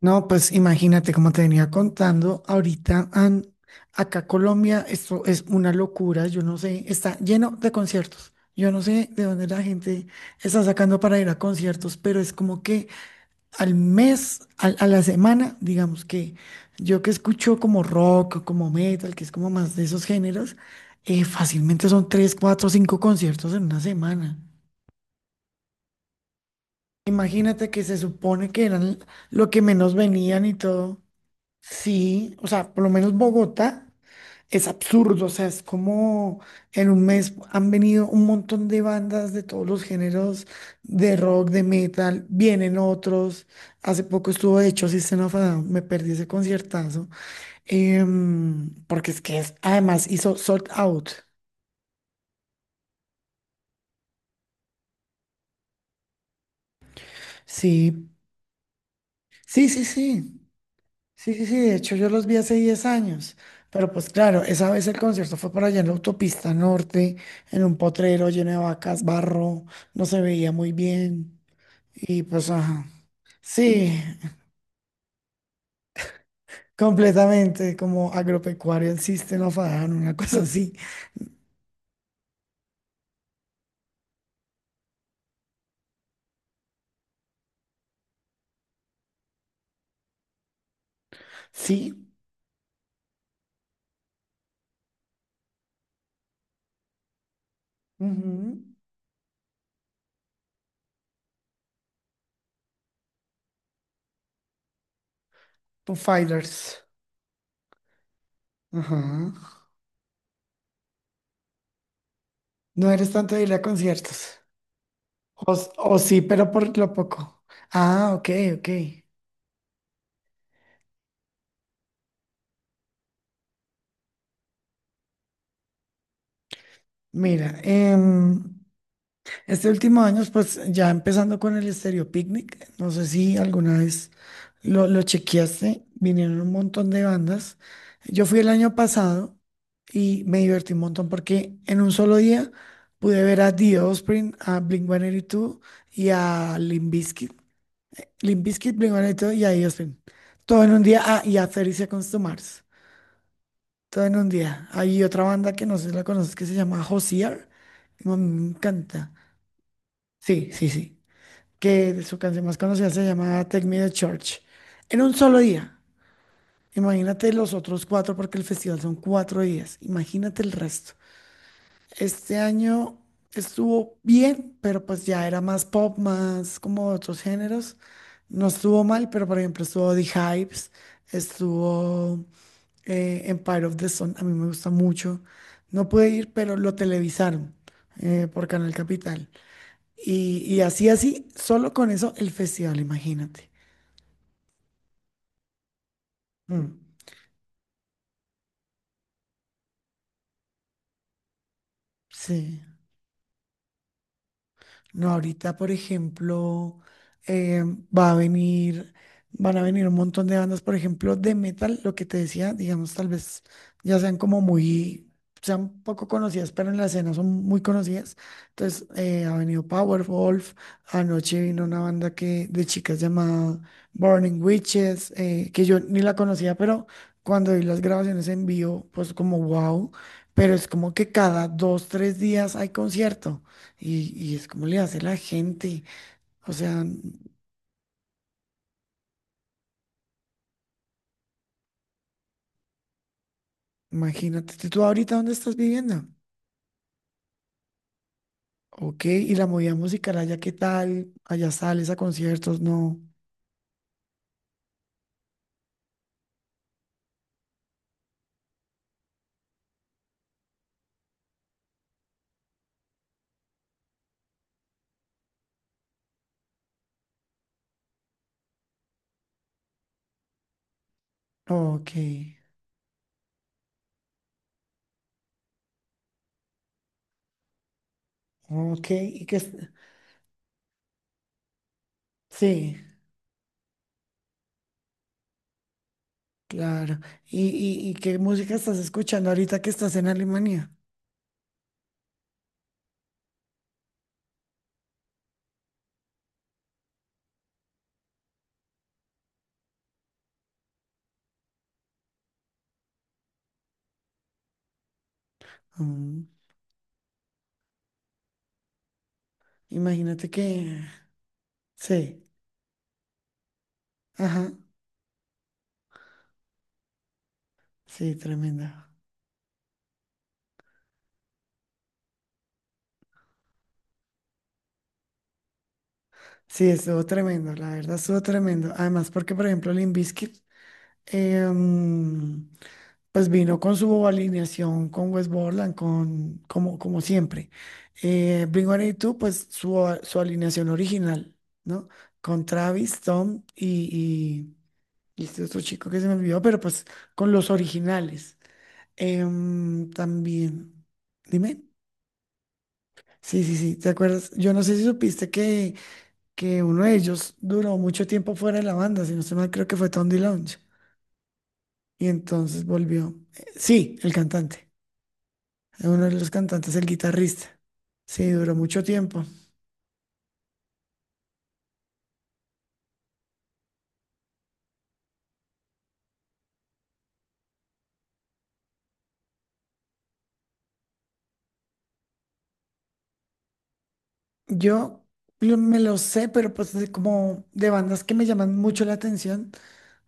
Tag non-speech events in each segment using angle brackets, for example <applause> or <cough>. No, pues imagínate, como te venía contando, ahorita acá Colombia, esto es una locura, yo no sé, está lleno de conciertos. Yo no sé de dónde la gente está sacando para ir a conciertos, pero es como que al mes, a la semana, digamos que yo que escucho como rock, como metal, que es como más de esos géneros, fácilmente son tres, cuatro, cinco conciertos en una semana. Imagínate que se supone que eran lo que menos venían y todo. Sí, o sea, por lo menos Bogotá es absurdo, o sea, es como en un mes han venido un montón de bandas de todos los géneros, de rock, de metal, vienen otros, hace poco estuvo de hecho System of a Down, me perdí ese conciertazo, porque es que además hizo Sold Out, sí, sí, sí, sí. Sí, sí, sí, de hecho yo los vi hace 10 años, pero pues claro, esa vez el concierto fue por allá en la autopista norte, en un potrero lleno de vacas, barro, no se veía muy bien y pues ajá, sí, completamente como agropecuario el System of a Down, una cosa así, sí, ujú, Foo Fighters, ajá, no eres tanto de ir a conciertos, o sí, pero por lo poco, ah, ok, ok, mira, este último año, pues ya empezando con el Estéreo Picnic, no sé si alguna vez lo chequeaste, vinieron un montón de bandas. Yo fui el año pasado y me divertí un montón porque en un solo día pude ver a The Offspring, a Blink-182 y dos y a Limp Bizkit. Limp Bizkit, Blink-182 y dos y a The Offspring. Todo en un día, ah, y a 30 Seconds to Mars. Todo en un día. Hay otra banda que no sé si la conoces que se llama Hozier. Me encanta. Sí, sí, sí que su canción más conocida se llamaba Take Me to Church, en un solo día. Imagínate los otros cuatro, porque el festival son 4 días. Imagínate el resto. Este año estuvo bien, pero pues ya era más pop, más como otros géneros. No estuvo mal, pero por ejemplo estuvo The Hives, estuvo Empire of the Sun, a mí me gusta mucho. No pude ir, pero lo televisaron por Canal Capital. Y así, así, solo con eso el festival, imagínate. Mm, sí. No, ahorita, por ejemplo, eh, va a venir, van a venir un montón de bandas, por ejemplo, de metal, lo que te decía, digamos, tal vez ya sean poco conocidas, pero en la escena son muy conocidas. Entonces, ha venido Powerwolf, anoche vino una banda que, de chicas llamada Burning Witches, que yo ni la conocía, pero cuando vi las grabaciones en vivo, pues como wow, pero es como que cada 2, 3 días hay concierto. Y es como le hace la gente. O sea, imagínate, ¿tú ahorita dónde estás viviendo? Ok, y la movida musical allá, ¿qué tal? Allá sales a conciertos, no. Ok, ok, sí, claro. ¿Y, y qué música estás escuchando ahorita que estás en Alemania? Mm, imagínate que sí, ajá, sí, tremendo. Sí, estuvo tremendo, la verdad estuvo tremendo. Además, porque por ejemplo, Limp Bizkit em, pues vino con su alineación con West Borland, con, como siempre. Blink-182, pues su alineación original, ¿no? Con Travis, Tom y este otro chico que se me olvidó, pero pues con los originales. También, dime. Sí, sí, sí, ¿te acuerdas? Yo no sé si supiste que, uno de ellos duró mucho tiempo fuera de la banda, si no estoy mal, creo que fue Tom DeLonge. Y entonces volvió. Sí, el cantante. Uno de los cantantes, el guitarrista. Sí, duró mucho tiempo. Yo me lo sé, pero pues como de bandas que me llaman mucho la atención.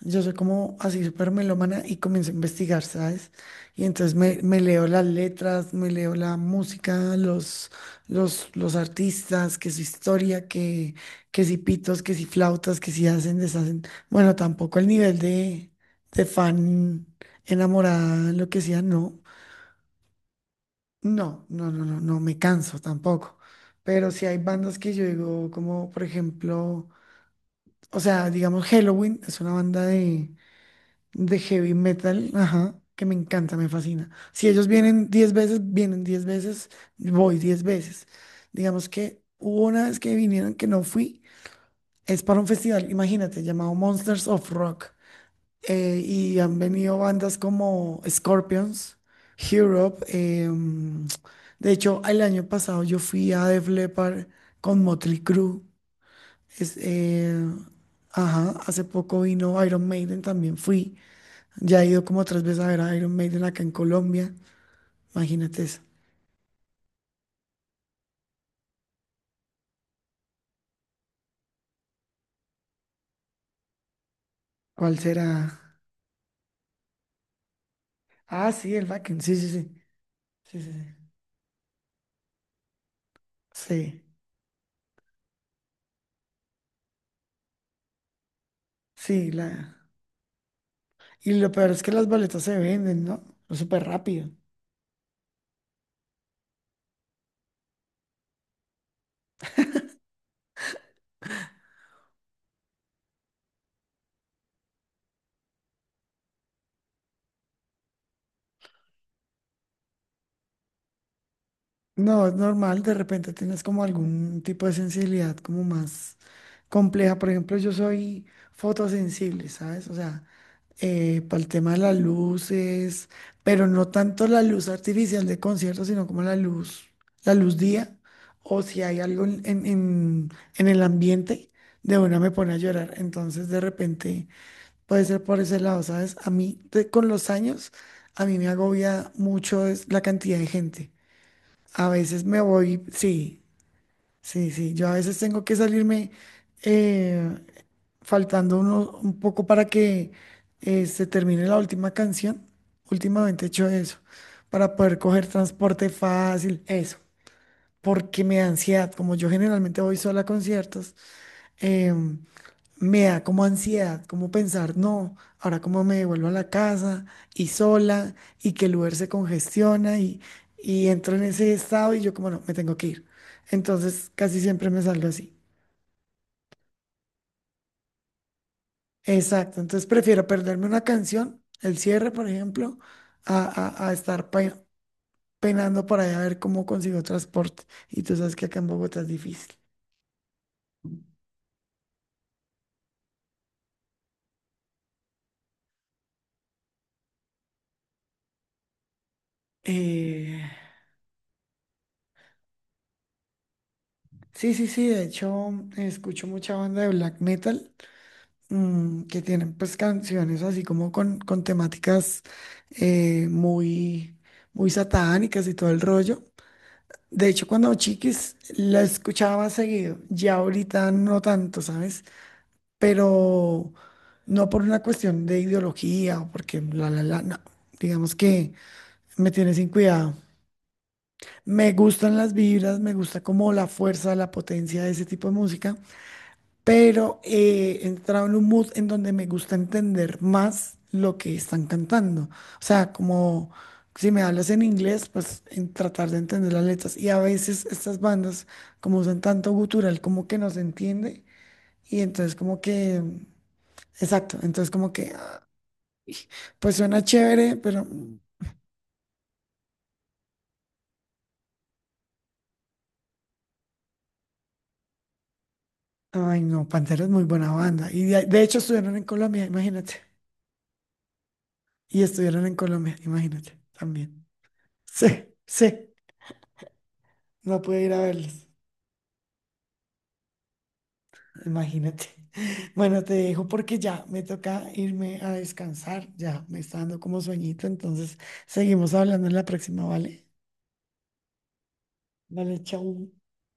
Yo soy como así súper melómana y comienzo a investigar, ¿sabes? Y entonces me leo las letras, me leo la música, los artistas, que su historia, que si pitos, que si flautas, que si hacen, deshacen. Bueno, tampoco el nivel de fan enamorada, lo que sea, no. No, no, no, no, no me canso tampoco. Pero sí hay bandas que yo digo, como por ejemplo, o sea, digamos, Halloween es una banda de heavy metal, ajá, que me encanta, me fascina. Si ellos vienen 10 veces, vienen 10 veces, voy 10 veces. Digamos que hubo una vez que vinieron que no fui, es para un festival, imagínate, llamado Monsters of Rock. Y han venido bandas como Scorpions, Europe. De hecho, el año pasado yo fui a Def Leppard con Motley Crue. Es, ajá, hace poco vino Iron Maiden, también fui. Ya he ido como tres veces a ver a Iron Maiden acá en Colombia. Imagínate eso. ¿Cuál será? Ah, sí, el Wacken. Sí, sí, sí. Sí, sí, sí. Sí, sí, la. Y lo peor es que las boletas se venden, ¿no? Súper rápido. No, es normal, de repente tienes como algún tipo de sensibilidad como más compleja. Por ejemplo, yo soy fotosensible, ¿sabes? O sea, para el tema de las luces, pero no tanto la luz artificial de conciertos, sino como la luz día, o si hay algo en el ambiente, de una me pone a llorar. Entonces, de repente, puede ser por ese lado, ¿sabes? A mí, con los años, a mí me agobia mucho es la cantidad de gente. A veces me voy, sí, sí, sí, yo a veces tengo que salirme. eh, faltando un poco para que se termine la última canción. Últimamente he hecho eso, para poder coger transporte fácil, eso, porque me da ansiedad, como yo generalmente voy sola a conciertos, em, me da como ansiedad, como pensar, no, ahora cómo me devuelvo a la casa y sola y que el Uber se congestiona y entro en ese estado y yo como no, me tengo que ir. Entonces casi siempre me salgo así. Exacto, entonces prefiero perderme una canción, el cierre, por ejemplo, a estar penando por allá a ver cómo consigo transporte. Y tú sabes que acá en Bogotá es difícil. Eh, sí, sí, sí, de hecho escucho mucha banda de black metal que tienen pues canciones así como con, temáticas muy, muy satánicas y todo el rollo. De hecho, cuando chiquis la escuchaba seguido, ya ahorita no tanto, ¿sabes? Pero no por una cuestión de ideología o porque la, no. Digamos que me tiene sin cuidado. Me gustan las vibras, me gusta como la fuerza, la potencia de ese tipo de música, pero he entrado en un mood en donde me gusta entender más lo que están cantando. O sea, como si me hablas en inglés, pues en tratar de entender las letras. Y a veces estas bandas, como usan tanto gutural, como que no se entiende. Y entonces como que Exacto, entonces como que, ay, pues suena chévere, pero, ay no, Pantera es muy buena banda. Y de hecho estuvieron en Colombia, imagínate. Y estuvieron en Colombia, imagínate, también. Sí, sí, no pude ir a verlos, imagínate. <laughs> Bueno, te dejo porque ya me toca irme a descansar, ya me está dando como sueñito, entonces seguimos hablando en la próxima, ¿vale? Vale, chau.